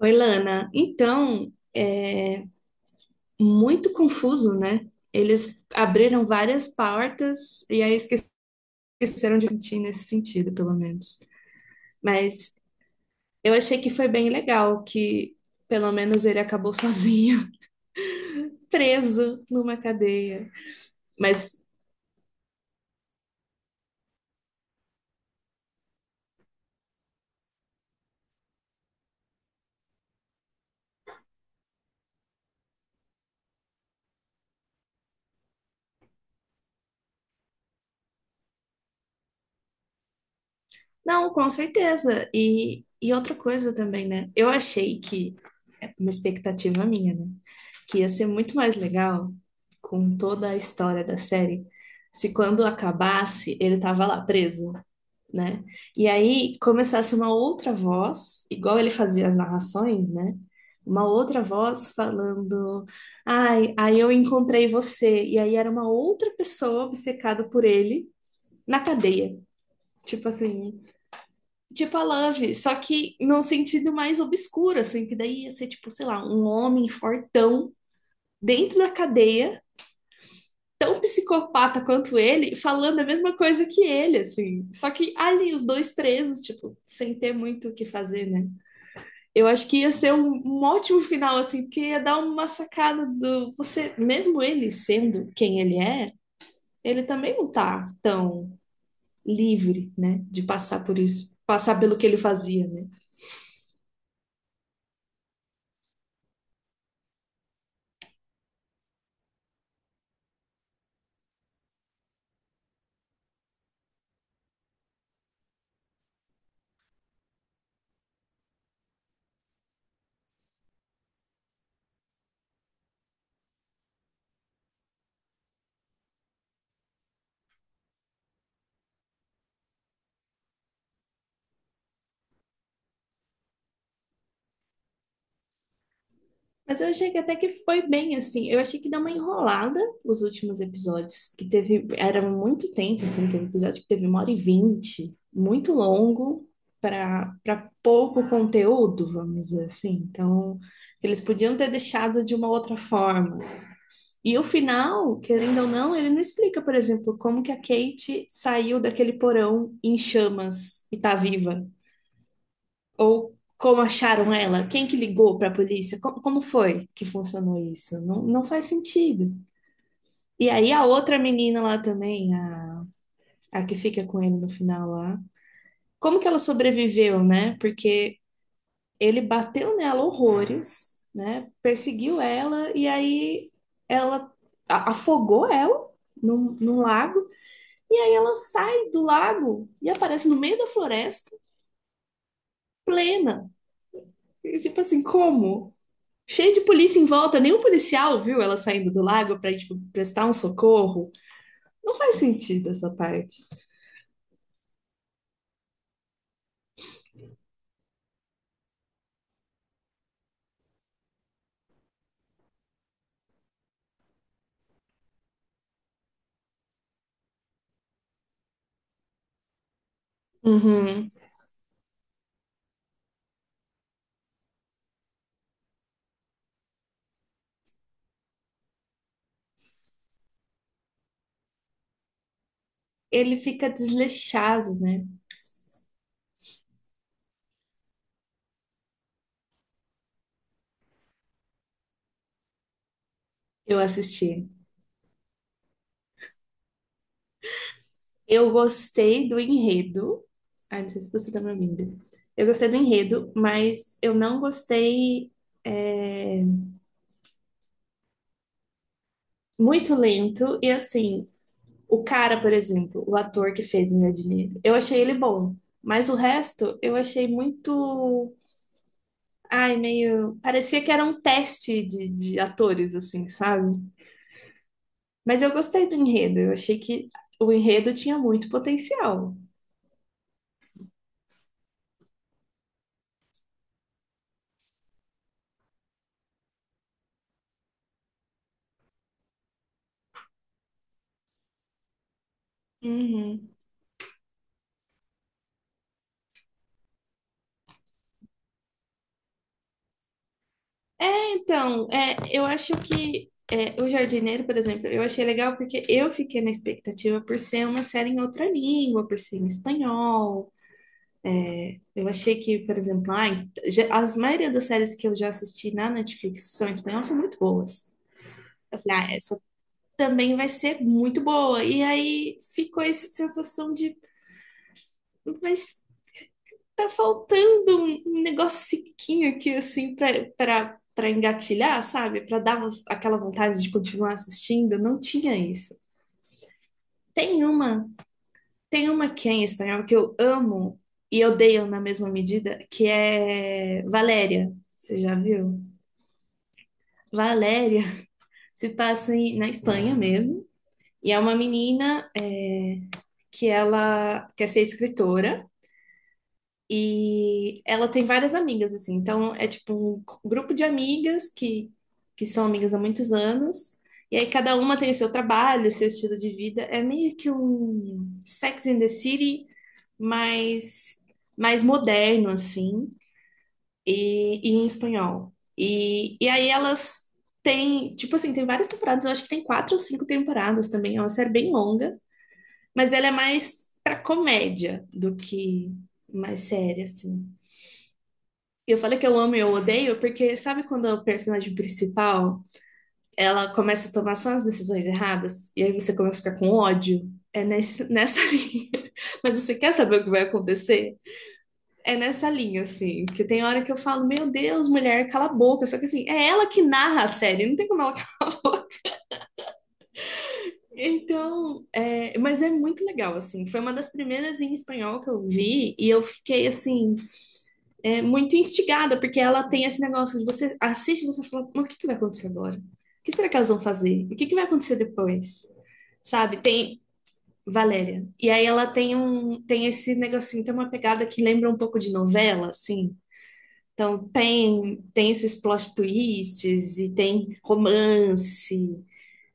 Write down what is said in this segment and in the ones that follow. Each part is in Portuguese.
Oi, Lana. Então, é muito confuso, né? Eles abriram várias portas e aí esqueceram de sentir nesse sentido, pelo menos. Mas eu achei que foi bem legal que pelo menos ele acabou sozinho, preso numa cadeia. Mas não, com certeza. E outra coisa também, né? Eu achei que, é uma expectativa minha, né? Que ia ser muito mais legal com toda a história da série se quando acabasse ele tava lá preso, né? E aí começasse uma outra voz, igual ele fazia as narrações, né? Uma outra voz falando, ai, aí eu encontrei você. E aí era uma outra pessoa obcecada por ele na cadeia. Tipo assim, tipo a Love, só que num sentido mais obscuro, assim, que daí ia ser, tipo, sei lá, um homem fortão dentro da cadeia tão psicopata quanto ele, falando a mesma coisa que ele, assim. Só que ali os dois presos, tipo, sem ter muito o que fazer, né? Eu acho que ia ser um ótimo final, assim, porque ia dar uma sacada do você, mesmo ele sendo quem ele é, ele também não tá tão livre, né, de passar por isso, passar pelo que ele fazia, né? Mas eu achei que até que foi bem assim. Eu achei que deu uma enrolada os últimos episódios, que teve, era muito tempo, assim, teve episódio que teve 1h20, muito longo para pouco conteúdo, vamos dizer assim. Então, eles podiam ter deixado de uma outra forma. E o final, querendo ou não, ele não explica, por exemplo, como que a Kate saiu daquele porão em chamas e tá viva. Ou como acharam ela? Quem que ligou para a polícia? Como foi que funcionou isso? Não, não faz sentido. E aí a outra menina lá também, a que fica com ele no final lá, como que ela sobreviveu, né? Porque ele bateu nela horrores, né? Perseguiu ela e aí ela afogou ela num lago e aí ela sai do lago e aparece no meio da floresta plena. E, tipo assim, como? Cheio de polícia em volta, nenhum policial viu ela saindo do lago para tipo, prestar um socorro. Não faz sentido essa parte. Uhum. Ele fica desleixado, né? Eu assisti. Eu gostei do enredo. Ai, não sei se você tá me ouvindo. Eu gostei do enredo, mas eu não gostei é, muito lento. E assim, o cara, por exemplo, o ator que fez o meu dinheiro, eu achei ele bom. Mas o resto eu achei muito ai, meio. Parecia que era um teste de atores, assim, sabe? Mas eu gostei do enredo. Eu achei que o enredo tinha muito potencial. Uhum. Então, é, eu acho que é, O Jardineiro, por exemplo, eu achei legal porque eu fiquei na expectativa por ser uma série em outra língua, por ser em espanhol. Eu achei que, por exemplo, ai, já- as maioria das séries que eu já assisti na Netflix que são em espanhol são muito boas. Eu falei, ah, essa também vai ser muito boa. E aí ficou essa sensação de, mas tá faltando um negocinho aqui, assim, pra, engatilhar, sabe? Pra dar aquela vontade de continuar assistindo. Não tinha isso. Tem uma, tem uma que é em espanhol que eu amo e odeio na mesma medida, que é Valéria. Você já viu? Valéria se passa em- na Espanha mesmo. E é uma menina que ela quer ser escritora. E ela tem várias amigas, assim. Então, é tipo um grupo de amigas que são amigas há muitos anos. E aí, cada uma tem o seu trabalho, o seu estilo de vida. É meio que um Sex and the City, mas mais moderno, assim. E em espanhol. E aí, elas têm, tipo assim, tem várias temporadas. Eu acho que tem 4 ou 5 temporadas também. É uma série bem longa, mas ela é mais pra comédia do que mais séria, assim. Eu falei que eu amo e eu odeio porque sabe quando a personagem principal, ela começa a tomar só as decisões erradas e aí você começa a ficar com ódio? É nessa linha. Mas você quer saber o que vai acontecer? É nessa linha, assim. Porque tem hora que eu falo, meu Deus, mulher, cala a boca. Só que, assim, é ela que narra a série, não tem como ela. Então, é, mas é muito legal, assim. Foi uma das primeiras em espanhol que eu vi e eu fiquei, assim, muito instigada, porque ela tem esse negócio de você assiste e você fala, mas o que, que vai acontecer agora? O que será que elas vão fazer? O que, que vai acontecer depois? Sabe? Tem Valéria. E aí ela tem tem esse negocinho, tem uma pegada que lembra um pouco de novela, assim. Então tem esses plot twists e tem romance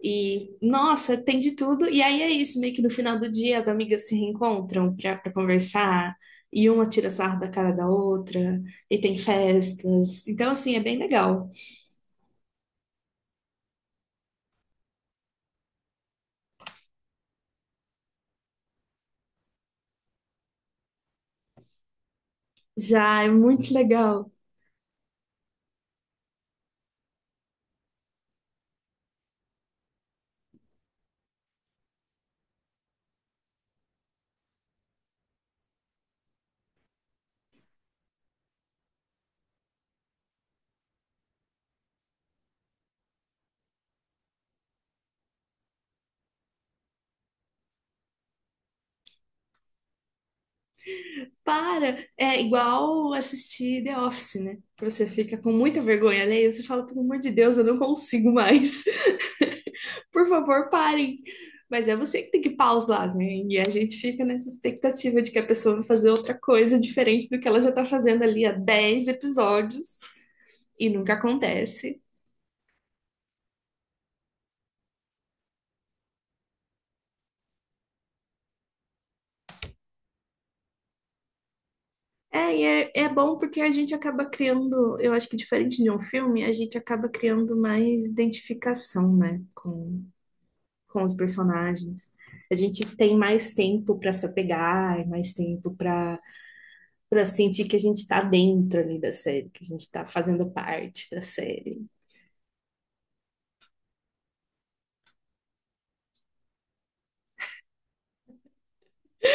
e, nossa, tem de tudo. E aí é isso, meio que no final do dia as amigas se reencontram pra conversar, e uma tira sarro da cara da outra, e tem festas. Então, assim, é bem legal. Já é muito legal. Para! É igual assistir The Office, né? Que você fica com muita vergonha alheia, você fala, pelo amor de Deus, eu não consigo mais. Por favor, parem. Mas é você que tem que pausar, né? E a gente fica nessa expectativa de que a pessoa vai fazer outra coisa diferente do que ela já tá fazendo ali há 10 episódios e nunca acontece. É, e é, é bom porque a gente acaba criando, eu acho que diferente de um filme, a gente acaba criando mais identificação, né, com os personagens. A gente tem mais tempo para se apegar, mais tempo para para sentir que a gente está dentro ali da série, que a gente está fazendo parte da série.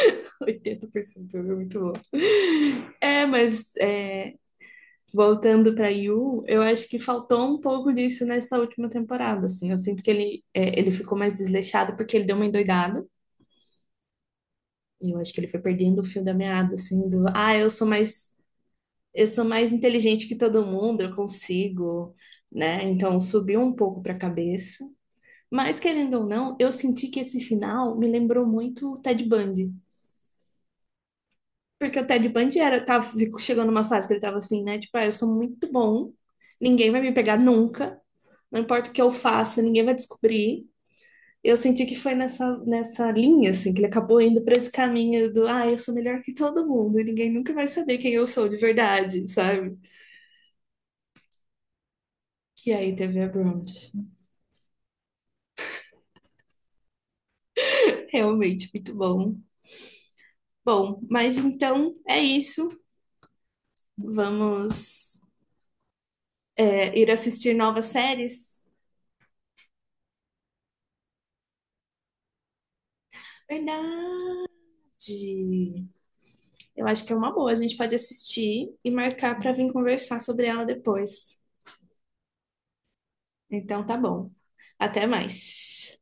80% é muito bom. É, mas é, voltando para Yu, eu acho que faltou um pouco disso nessa última temporada, assim. Eu sinto que ele ficou mais desleixado porque ele deu uma endoidada. E eu acho que ele foi perdendo o fio da meada, assim, do, ah, eu sou mais inteligente que todo mundo, eu consigo, né? Então subiu um pouco para a cabeça. Mas querendo ou não, eu senti que esse final me lembrou muito o Ted Bundy. Porque o Ted Bundy chegou numa fase que ele tava assim, né? Tipo, ah, eu sou muito bom, ninguém vai me pegar nunca, não importa o que eu faça, ninguém vai descobrir. Eu senti que foi nessa linha, assim, que ele acabou indo para esse caminho do, ah, eu sou melhor que todo mundo e ninguém nunca vai saber quem eu sou de verdade, sabe? E aí teve a Bronte. Realmente muito bom. Bom, mas então é isso. Vamos ir assistir novas séries. Verdade. Eu acho que é uma boa. A gente pode assistir e marcar para vir conversar sobre ela depois. Então tá bom. Até mais.